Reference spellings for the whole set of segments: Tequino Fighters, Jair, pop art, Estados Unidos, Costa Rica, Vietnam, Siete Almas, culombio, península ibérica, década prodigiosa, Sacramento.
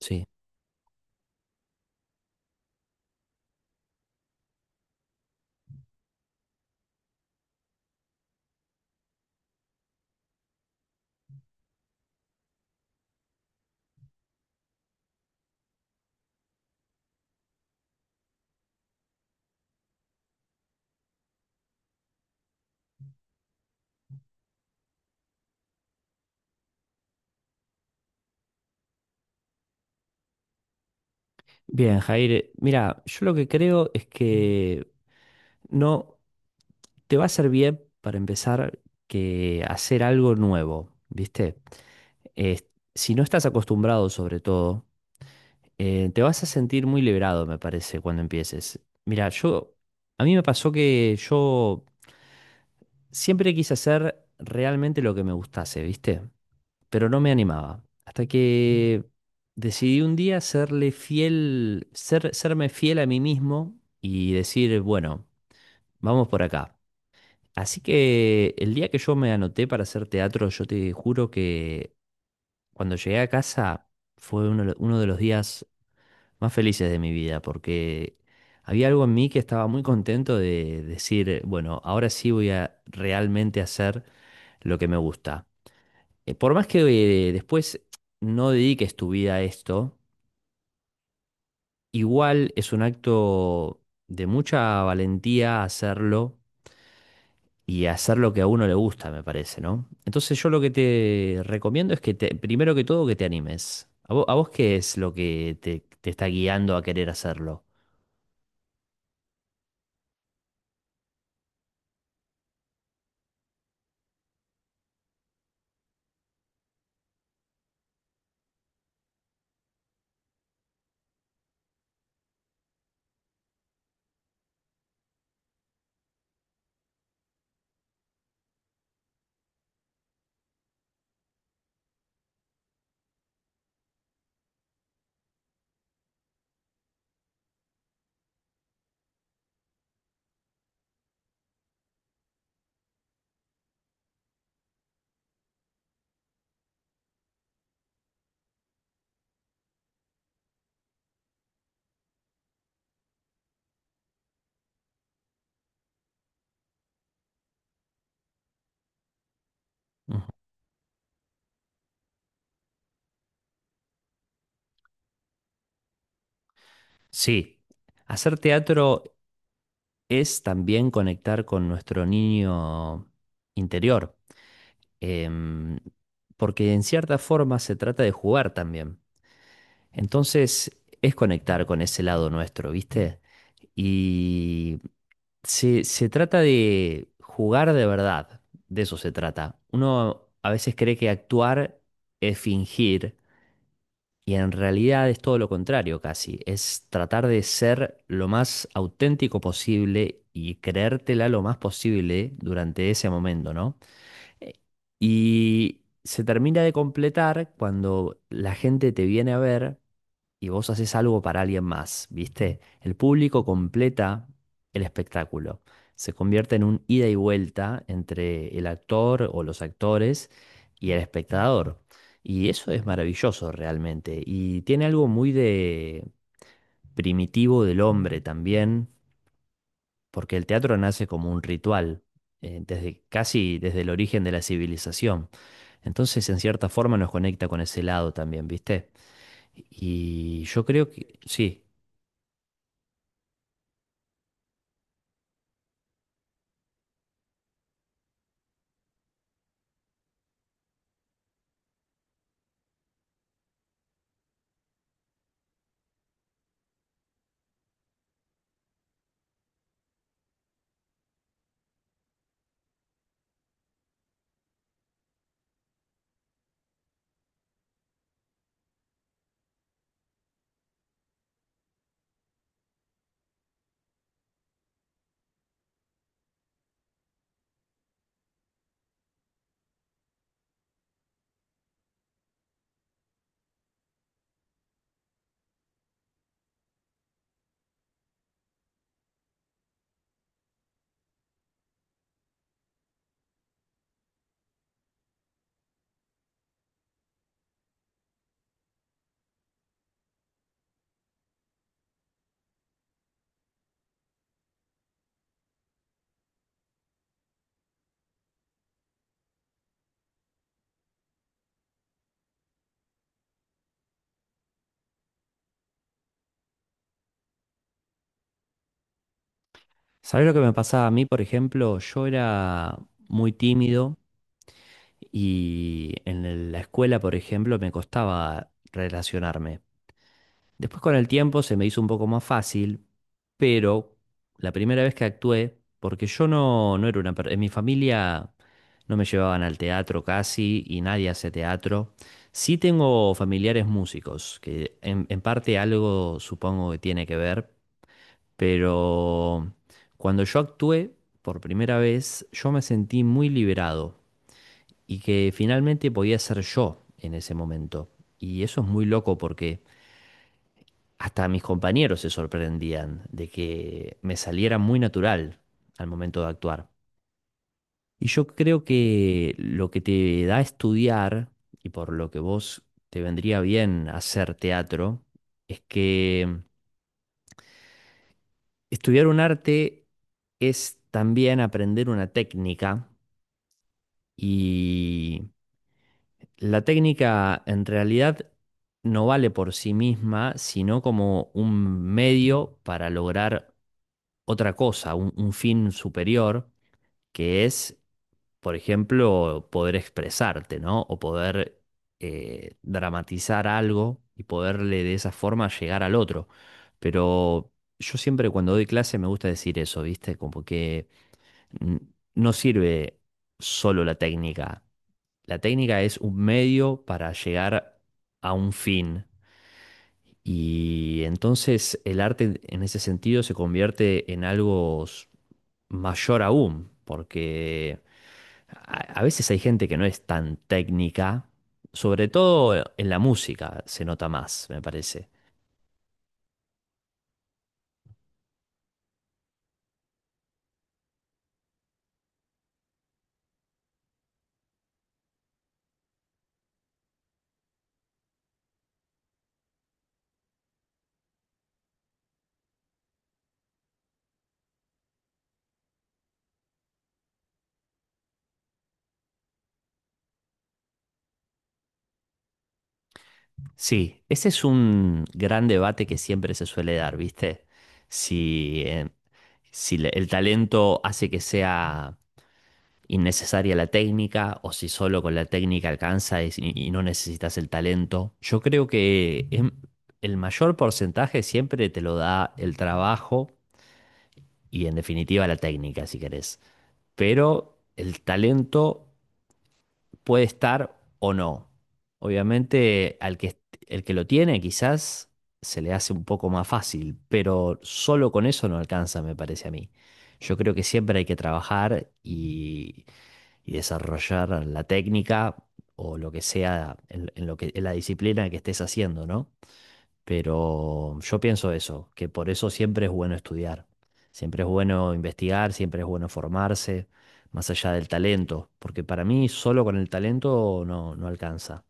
Sí. Bien, Jair. Mira, yo lo que creo es que no te va a ser bien para empezar que hacer algo nuevo, ¿viste? Eh, si no estás acostumbrado, sobre todo, te vas a sentir muy liberado, me parece, cuando empieces. Mira, yo, a mí me pasó que yo siempre quise hacer realmente lo que me gustase, ¿viste? Pero no me animaba. Hasta que decidí un día serle fiel, serme fiel a mí mismo y decir, bueno, vamos por acá. Así que el día que yo me anoté para hacer teatro, yo te juro que cuando llegué a casa fue uno de los días más felices de mi vida, porque había algo en mí que estaba muy contento de decir, bueno, ahora sí voy a realmente hacer lo que me gusta. Por más que después no dediques tu vida a esto, igual es un acto de mucha valentía hacerlo y hacer lo que a uno le gusta, me parece, ¿no? Entonces yo lo que te recomiendo es que primero que todo que te animes. A vos qué es lo que te está guiando a querer hacerlo? Ujú. Sí, hacer teatro es también conectar con nuestro niño interior. em, Porque en cierta forma se trata de jugar también. Entonces es conectar con ese lado nuestro, ¿viste? Y se trata de jugar de verdad, de eso se trata. Uno a veces cree que actuar es fingir y en realidad es todo lo contrario casi, es tratar de ser lo más auténtico posible y creértela lo más posible durante ese momento, ¿no? Eh, Y se termina de completar cuando la gente te viene a ver y vos haces algo para alguien más, ¿viste? El público completa el espectáculo. Se convierte en un ida y vuelta entre el actor o los actores y el espectador. Y eso es maravilloso realmente. Y tiene algo muy de primitivo del hombre también, porque el teatro nace como un ritual, desde, casi desde el origen de la civilización. Entonces, en cierta forma, nos conecta con ese lado también, ¿viste? Y yo creo que sí. ¿Sabés lo que me pasaba a mí, por ejemplo? Yo era muy tímido y en la escuela, por ejemplo, me costaba relacionarme. Después con el tiempo se me hizo un poco más fácil, pero la primera vez que actué, porque yo no era una... En mi familia no me llevaban al teatro casi y nadie hace teatro. Sí tengo familiares músicos, que en parte algo supongo que tiene que ver, pero cuando yo actué por primera vez, yo me sentí muy liberado y que finalmente podía ser yo en ese momento. Y eso es muy loco porque... Hasta mis compañeros se sorprendían de que me saliera muy natural al momento de actuar. Y yo creo que lo que te da estudiar y por lo que vos te vendría bien hacer teatro es que estudiar un arte es también aprender una técnica. Y la técnica en realidad no vale por sí misma, sino como un medio para lograr otra cosa, un fin superior, que es, por ejemplo, poder expresarte, ¿no? O poder dramatizar algo y poderle de esa forma llegar al otro. Pero yo siempre cuando doy clase me gusta decir eso, ¿viste? Como que N- no sirve solo la técnica. La técnica es un medio para llegar a un fin. Y entonces el arte en ese sentido se convierte en algo mayor aún, porque a veces hay gente que no es tan técnica, sobre todo en la música se nota más, me parece. Sí, ese es un gran debate que siempre se suele dar, ¿viste? Si, si el talento hace que sea innecesaria la técnica o si solo con la técnica alcanza y no necesitas el talento. Yo creo que el mayor porcentaje siempre te lo da el trabajo y en definitiva la técnica, si querés. Pero el talento puede estar o no. Obviamente, el que lo tiene quizás se le hace un poco más fácil, pero solo con eso no alcanza, me parece a mí. Yo creo que siempre hay que trabajar y desarrollar la técnica o lo que sea en lo que, en la disciplina que estés haciendo, ¿no? Pero yo pienso eso, que por eso siempre es bueno estudiar, siempre es bueno investigar, siempre es bueno formarse más allá del talento, porque para mí solo con el talento no, no alcanza.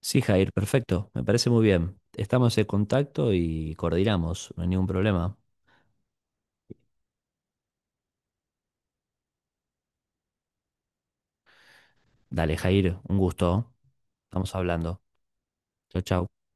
Sí, Jair, perfecto, me parece muy bien. Estamos en contacto y coordinamos, no hay ningún problema. Dale, Jair, un gusto. Estamos hablando. Chau, chau.